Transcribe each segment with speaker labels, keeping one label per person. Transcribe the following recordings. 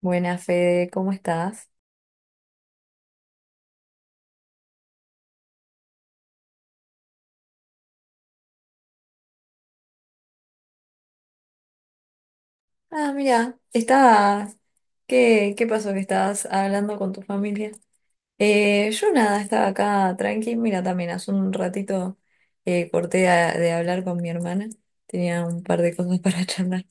Speaker 1: Buenas, Fede, ¿cómo estás? Ah, mira, estabas. ¿Qué pasó que estabas hablando con tu familia? Yo nada, estaba acá tranqui. Mira, también hace un ratito de hablar con mi hermana. Tenía un par de cosas para charlar.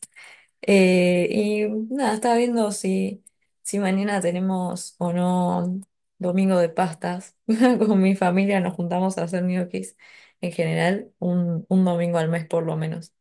Speaker 1: Y nada, estaba viendo si mañana tenemos o no domingo de pastas. Con mi familia nos juntamos a hacer ñoquis en general un domingo al mes por lo menos.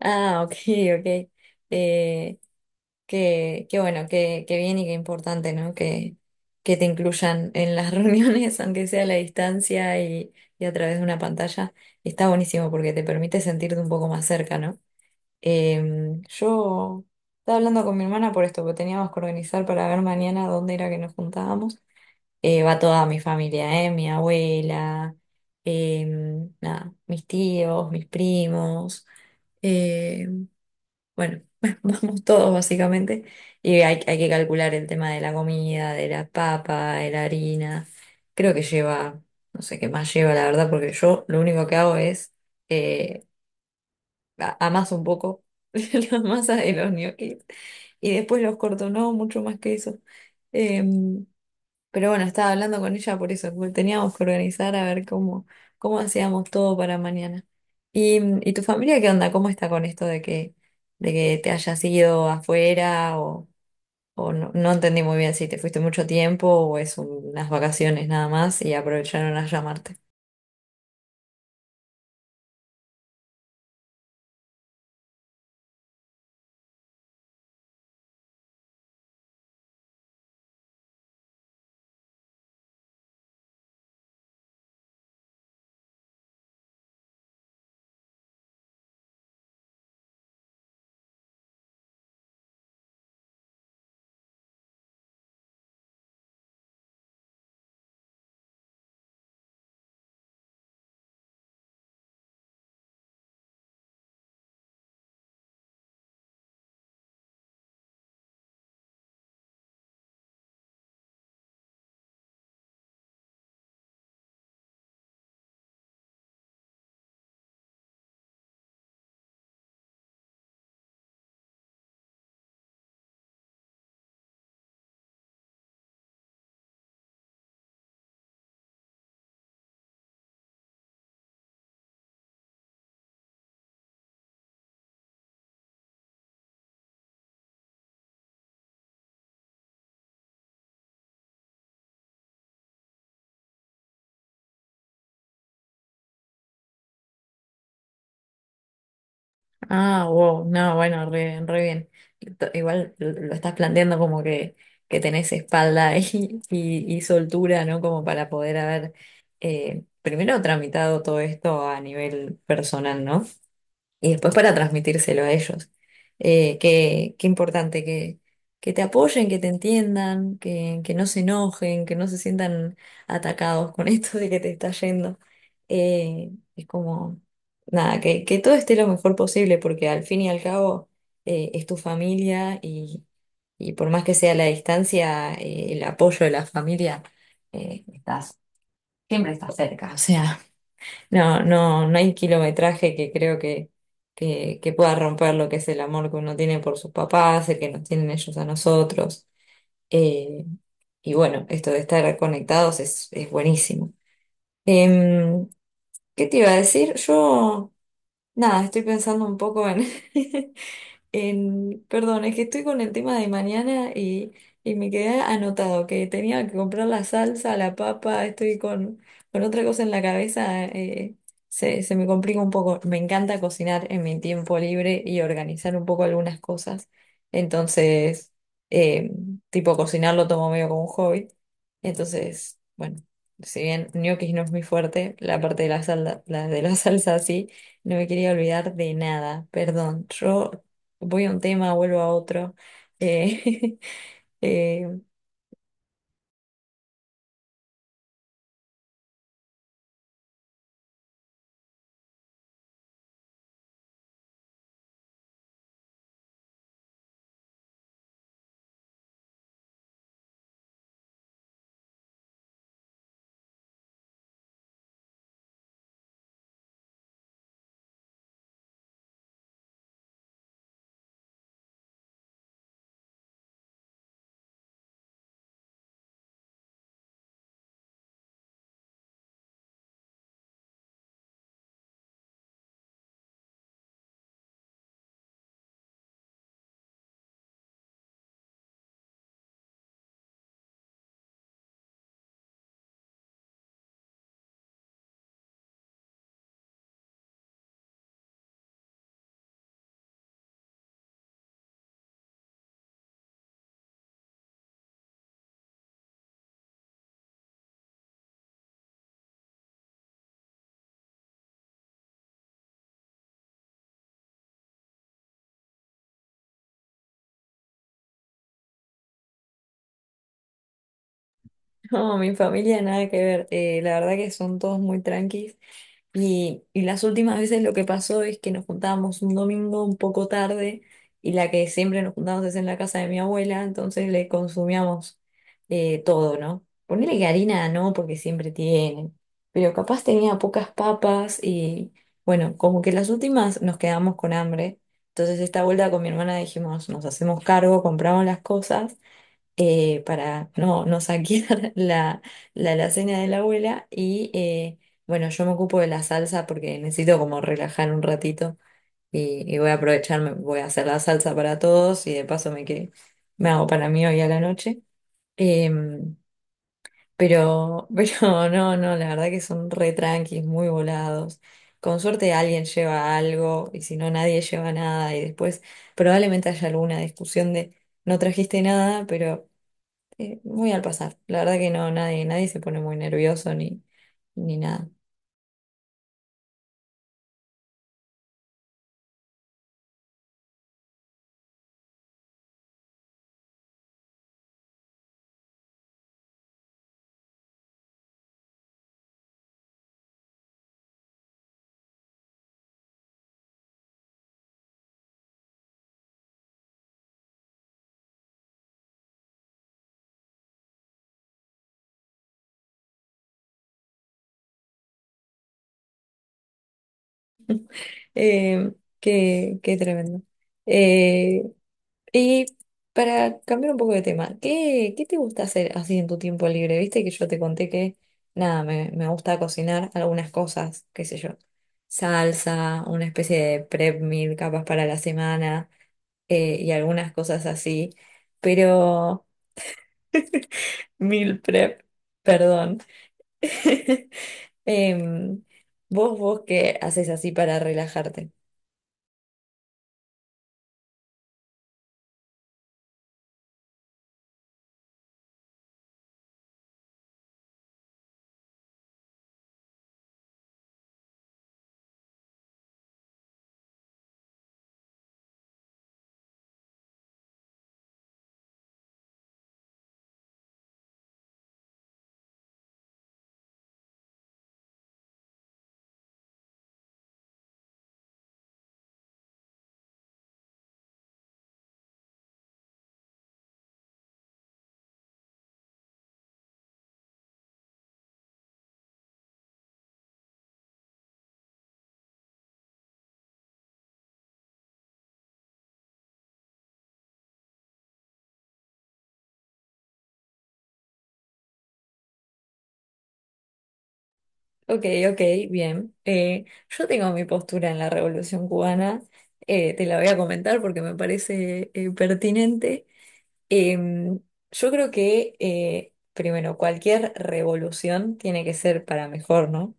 Speaker 1: Ah, ok, ok. Eh, qué bueno, qué bien y qué importante, ¿no? Que te incluyan en las reuniones, aunque sea a la distancia y a través de una pantalla. Está buenísimo porque te permite sentirte un poco más cerca, ¿no? Yo estaba hablando con mi hermana por esto, porque teníamos que organizar para ver mañana dónde era que nos juntábamos. Va toda mi familia, ¿eh? Mi abuela, nada, mis tíos, mis primos. eh, bueno, vamos todos básicamente. Y hay que calcular el tema de la comida, de la papa, de la harina. Creo que lleva, no sé qué más lleva, la verdad, porque yo lo único que hago es eh, amaso un poco la masa de los ñoquis y después los corto, no mucho más que eso. Em, pero bueno, estaba hablando con ella por eso, porque teníamos que organizar a ver cómo hacíamos todo para mañana. ¿Y, y tu familia qué onda? ¿Cómo está con esto de que te hayas ido afuera? O no, no entendí muy bien si te fuiste mucho tiempo o es unas vacaciones nada más y aprovecharon a llamarte. Ah, wow, no, bueno, re, re bien. Y igual lo estás planteando como que tenés espalda y soltura, ¿no? Como para poder haber primero tramitado todo esto a nivel personal, ¿no? Y después para transmitírselo a ellos. Qué importante que te apoyen, que te entiendan, que no se enojen, que no se sientan atacados con esto de que te está yendo. Eh, es como, nada, que todo esté lo mejor posible, porque al fin y al cabo es tu familia y por más que sea la distancia, el apoyo de la familia, eh, estás, siempre estás cerca. O sea. No, no, no hay kilometraje que creo que pueda romper lo que es el amor que uno tiene por sus papás, el que nos tienen ellos a nosotros. Eh, y bueno, esto de estar conectados es buenísimo. Em, ¿Qué te iba a decir? Yo, nada, estoy pensando un poco en, en, perdón, es que estoy con el tema de mañana y me quedé anotado que tenía que comprar la salsa, la papa, estoy con otra cosa en la cabeza, se me complica un poco. Me encanta cocinar en mi tiempo libre y organizar un poco algunas cosas. Entonces, eh, tipo cocinar lo tomo medio como un hobby. Entonces, bueno, si bien ñoquis no es muy fuerte, la parte de la la de la salsa sí. No me quería olvidar de nada, perdón. Yo voy a un tema, vuelvo a otro. Eh, eh, no, mi familia nada que ver. La verdad que son todos muy tranquilos. Y las últimas veces lo que pasó es que nos juntábamos un domingo un poco tarde y la que siempre nos juntábamos es en la casa de mi abuela, entonces le consumíamos todo, ¿no? Ponele que harina, ¿no? Porque siempre tienen, pero capaz tenía pocas papas y bueno, como que las últimas nos quedamos con hambre. Entonces esta vuelta con mi hermana dijimos, nos hacemos cargo, compramos las cosas para no, no saquear la alacena de la abuela. Y bueno, yo me ocupo de la salsa porque necesito como relajar un ratito y voy a aprovecharme, voy a hacer la salsa para todos y de paso me hago para mí hoy a la noche. Em, pero no, no, la verdad que son re tranquis, muy volados. Con suerte alguien lleva algo y si no nadie lleva nada y después probablemente haya alguna discusión de no trajiste nada, pero muy al pasar. La verdad que no, nadie, nadie se pone muy nervioso ni, ni nada. Eh, qué tremendo. Eh, y para cambiar un poco de tema, ¿qué te gusta hacer así en tu tiempo libre? Viste que yo te conté que, nada, me gusta cocinar algunas cosas, qué sé yo, salsa, una especie de prep meal capaz para la semana y algunas cosas así, pero meal prep, perdón. Em, vos, ¿qué haces así para relajarte? Ok, ok, bien. Yo tengo mi postura en la Revolución Cubana, te la voy a comentar porque me parece pertinente. Em, yo creo que, primero, cualquier revolución tiene que ser para mejor, ¿no?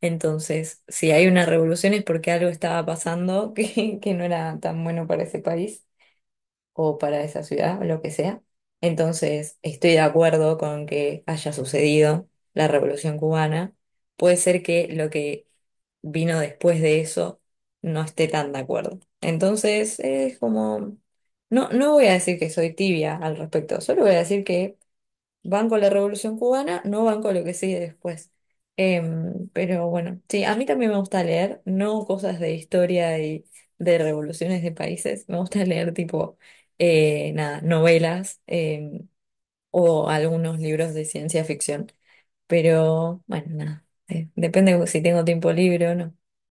Speaker 1: Entonces, si hay una revolución es porque algo estaba pasando que no era tan bueno para ese país, o para esa ciudad o lo que sea. Entonces, estoy de acuerdo con que haya sucedido la Revolución Cubana. Puede ser que lo que vino después de eso no esté tan de acuerdo. Entonces, es como, no, no voy a decir que soy tibia al respecto, solo voy a decir que van con la Revolución Cubana, no van con lo que sigue después. Pero bueno, sí, a mí también me gusta leer, no cosas de historia y de revoluciones de países, me gusta leer tipo, nada, novelas o algunos libros de ciencia ficción, pero bueno, nada, depende si tengo tiempo libre o no.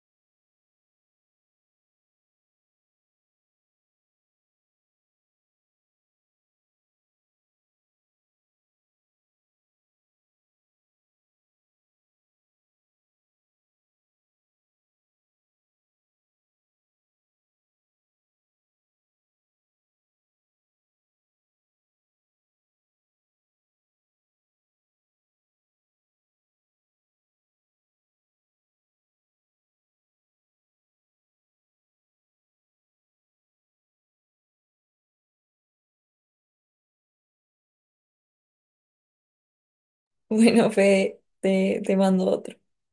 Speaker 1: Bueno, Fede, te mando otro.